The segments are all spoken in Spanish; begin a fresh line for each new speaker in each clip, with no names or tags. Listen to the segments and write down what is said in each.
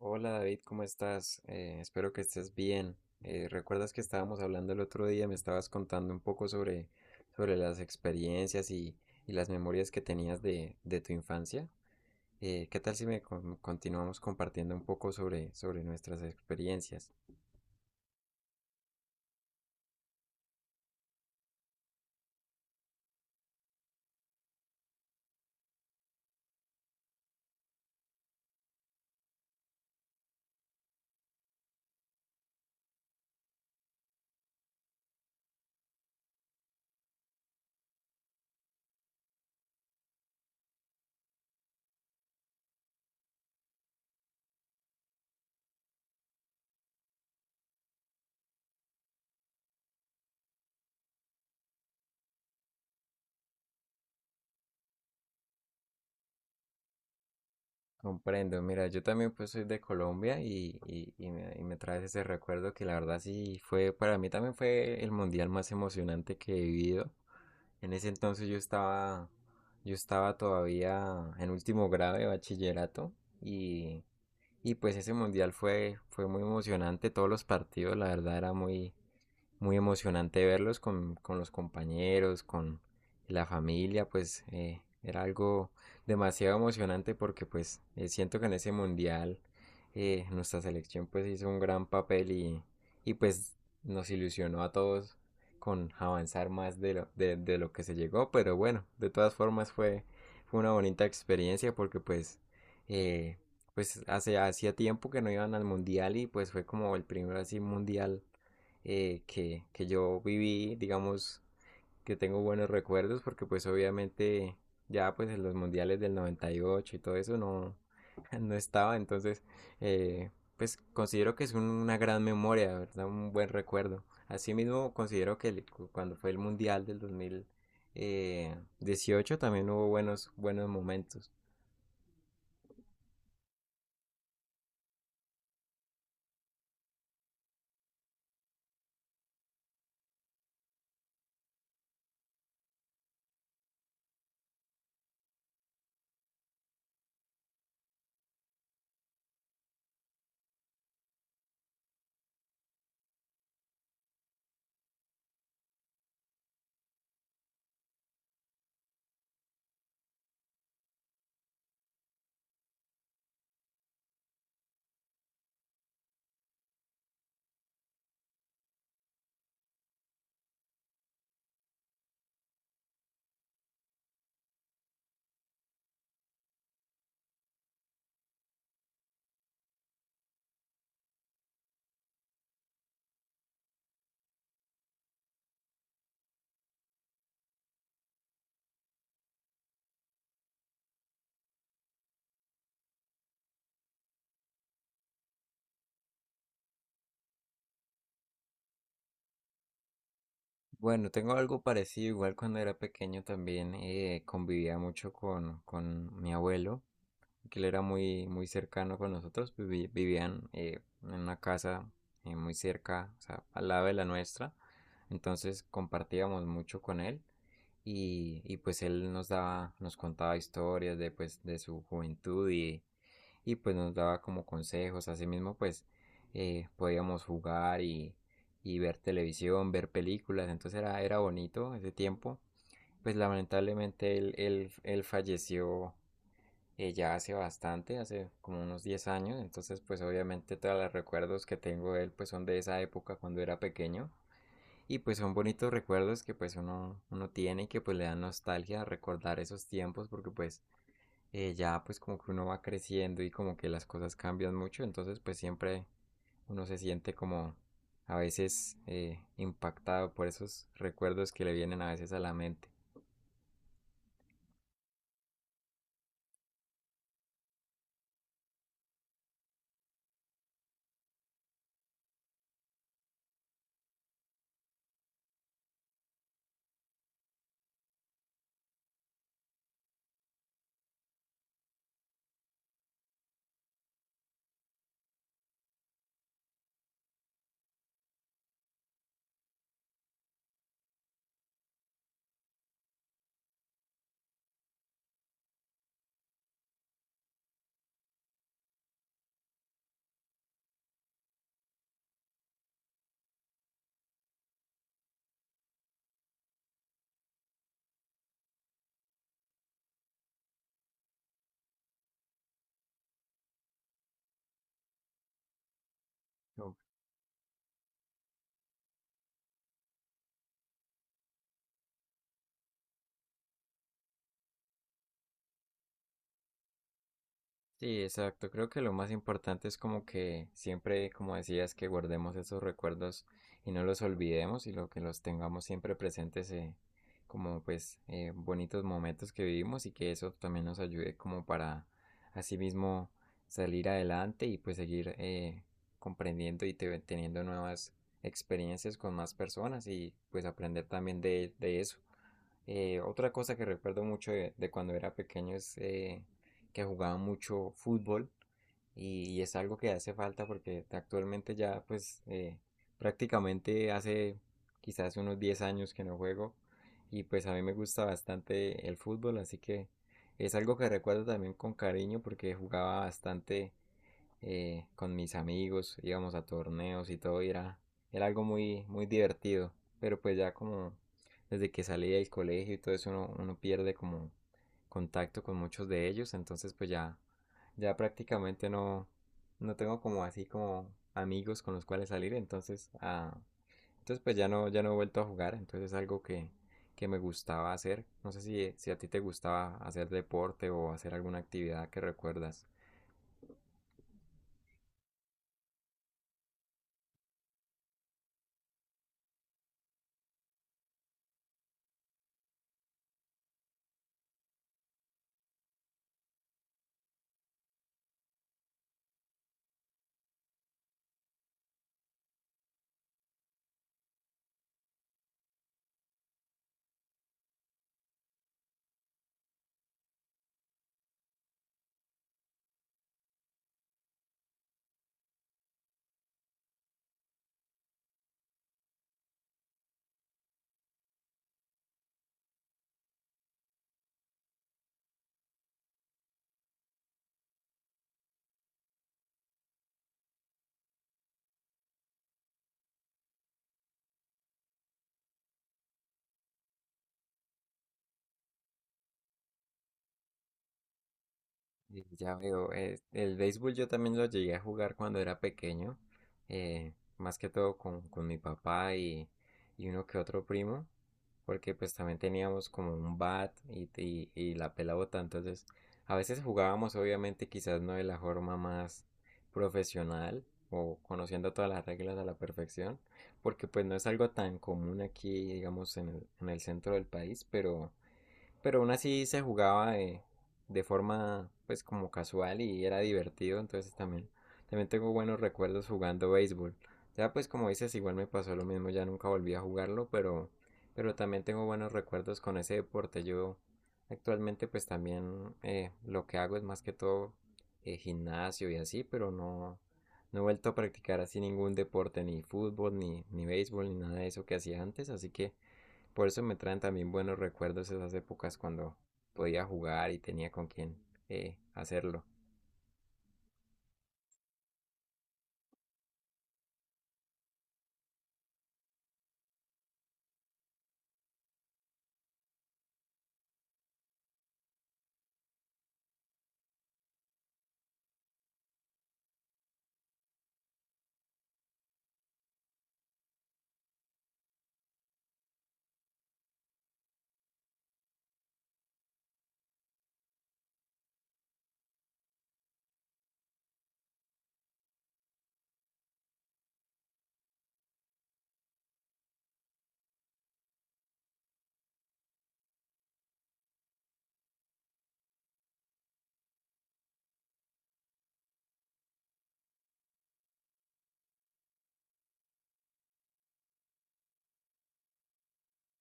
Hola David, ¿cómo estás? Espero que estés bien. ¿Recuerdas que estábamos hablando el otro día? Me estabas contando un poco sobre, las experiencias y las memorias que tenías de tu infancia. ¿Qué tal si me continuamos compartiendo un poco sobre nuestras experiencias? Comprendo, mira, yo también pues soy de Colombia y me traes ese recuerdo que la verdad para mí también fue el mundial más emocionante que he vivido. En ese entonces yo estaba, todavía en último grado de bachillerato y, y, pues ese mundial fue muy emocionante, todos los partidos, la verdad era muy, muy emocionante verlos con los compañeros, con la familia, pues era algo demasiado emocionante porque pues siento que en ese mundial nuestra selección pues hizo un gran papel y, pues nos ilusionó a todos con avanzar más de lo que se llegó, pero bueno, de todas formas fue una bonita experiencia porque pues, eh, pues hacía tiempo que no iban al mundial y pues fue como el primero así mundial que yo viví, digamos, que tengo buenos recuerdos, porque pues obviamente ya pues en los mundiales del 98 y todo eso no, no estaba, entonces eh, pues considero que es una gran memoria, ¿verdad? Un buen recuerdo. Asimismo, considero que cuando fue el mundial del dos mil dieciocho también hubo buenos, momentos. Bueno, tengo algo parecido, igual cuando era pequeño también convivía mucho con mi abuelo que él era muy, muy cercano con nosotros, vivían en una casa muy cerca, o sea, al lado de la nuestra, entonces compartíamos mucho con él y, pues él nos contaba historias de, pues, de su juventud y pues nos daba como consejos, así mismo pues podíamos jugar y, ver televisión, ver películas, entonces era bonito ese tiempo. Pues lamentablemente él falleció ya hace como unos 10 años, entonces pues obviamente todos los recuerdos que tengo de él pues son de esa época cuando era pequeño y pues son bonitos recuerdos que pues uno tiene y que pues le dan nostalgia recordar esos tiempos porque pues ya pues como que uno va creciendo y como que las cosas cambian mucho, entonces pues siempre uno se siente como a veces impactado por esos recuerdos que le vienen a veces a la mente. Sí, exacto. Creo que lo más importante es como que siempre, como decías, que guardemos esos recuerdos y no los olvidemos y lo que los tengamos siempre presentes como pues bonitos momentos que vivimos y que eso también nos ayude como para así mismo salir adelante y pues seguir comprendiendo y teniendo nuevas experiencias con más personas y pues aprender también de, eso. Otra cosa que recuerdo mucho de cuando era pequeño es que jugaba mucho fútbol y es algo que hace falta porque actualmente ya pues prácticamente hace quizás unos 10 años que no juego y pues a mí me gusta bastante el fútbol así que es algo que recuerdo también con cariño porque jugaba bastante con mis amigos, íbamos a torneos y todo, y era, algo muy, muy divertido. Pero pues ya como desde que salí del colegio y todo eso uno, pierde como contacto con muchos de ellos, entonces pues ya, prácticamente no tengo como así como amigos con los cuales salir, entonces pues ya no, he vuelto a jugar, entonces es algo que, me gustaba hacer. No sé si a ti te gustaba hacer deporte o hacer alguna actividad que recuerdas. Ya veo, el béisbol yo también lo llegué a jugar cuando era pequeño, más que todo con, mi papá y uno que otro primo, porque pues también teníamos como un bat y la pelota, entonces a veces jugábamos obviamente quizás no de la forma más profesional o conociendo todas las reglas a la perfección, porque pues no es algo tan común aquí, digamos, en el, centro del país, pero... Pero aún así se jugaba de, forma pues como casual y era divertido, entonces también tengo buenos recuerdos jugando béisbol. Ya pues como dices, igual me pasó lo mismo, ya nunca volví a jugarlo, pero también tengo buenos recuerdos con ese deporte. Yo actualmente pues también lo que hago es más que todo gimnasio y así, pero no he vuelto a practicar así ningún deporte, ni fútbol, ni béisbol, ni nada de eso que hacía antes, así que por eso me traen también buenos recuerdos esas épocas cuando podía jugar y tenía con quién hacerlo.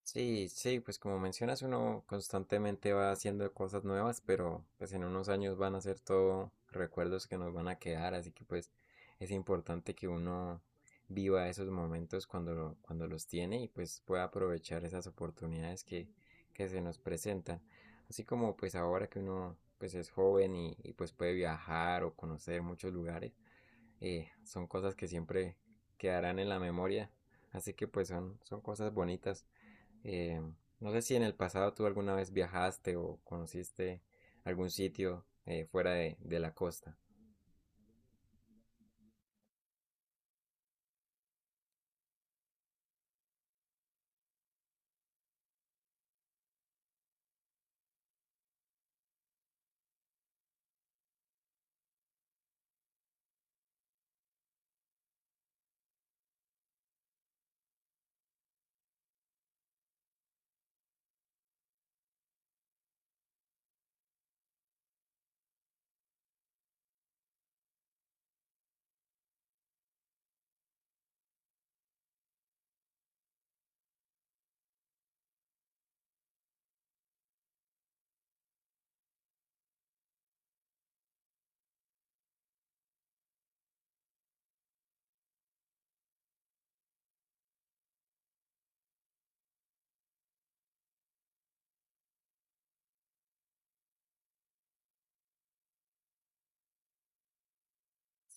Sí, sí, pues como mencionas, uno constantemente va haciendo cosas nuevas, pero pues en unos años van a ser todo recuerdos que nos van a quedar, así que pues es importante que uno viva esos momentos cuando los tiene y pues pueda aprovechar esas oportunidades que, se nos presentan. Así como pues ahora que uno pues es joven y pues puede viajar o conocer muchos lugares, son cosas que siempre quedarán en la memoria, así que pues son, son cosas bonitas. Eh, no sé si en el pasado tú alguna vez viajaste o conociste algún sitio fuera de, la costa.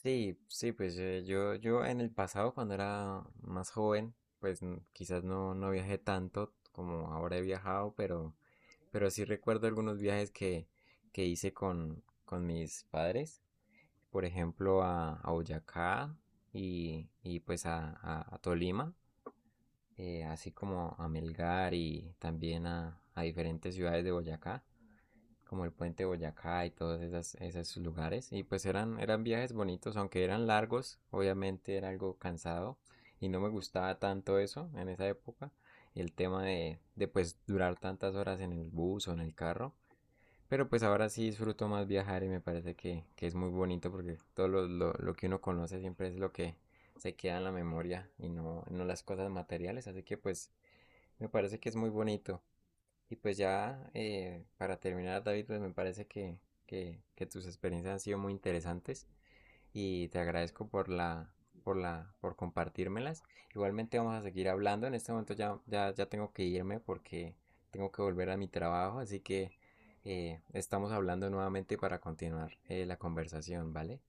Sí, sí, pues yo en el pasado cuando era más joven, pues quizás no, viajé tanto como ahora he viajado, pero, sí recuerdo algunos viajes que, hice con mis padres, por ejemplo a, Boyacá y, pues a Tolima. Así como a Melgar y también a diferentes ciudades de Boyacá, como el puente de Boyacá y todos esos lugares. Y pues eran viajes bonitos, aunque eran largos, obviamente era algo cansado y no me gustaba tanto eso en esa época, el tema de pues durar tantas horas en el bus o en el carro. Pero pues ahora sí disfruto más viajar y me parece que, es muy bonito porque todo lo que uno conoce siempre es lo que se queda en la memoria y no las cosas materiales. Así que pues me parece que es muy bonito. Y pues ya para terminar, David, pues me parece que tus experiencias han sido muy interesantes y te agradezco por compartírmelas. Igualmente vamos a seguir hablando. En este momento ya, tengo que irme porque tengo que volver a mi trabajo, así que estamos hablando nuevamente para continuar la conversación, ¿vale?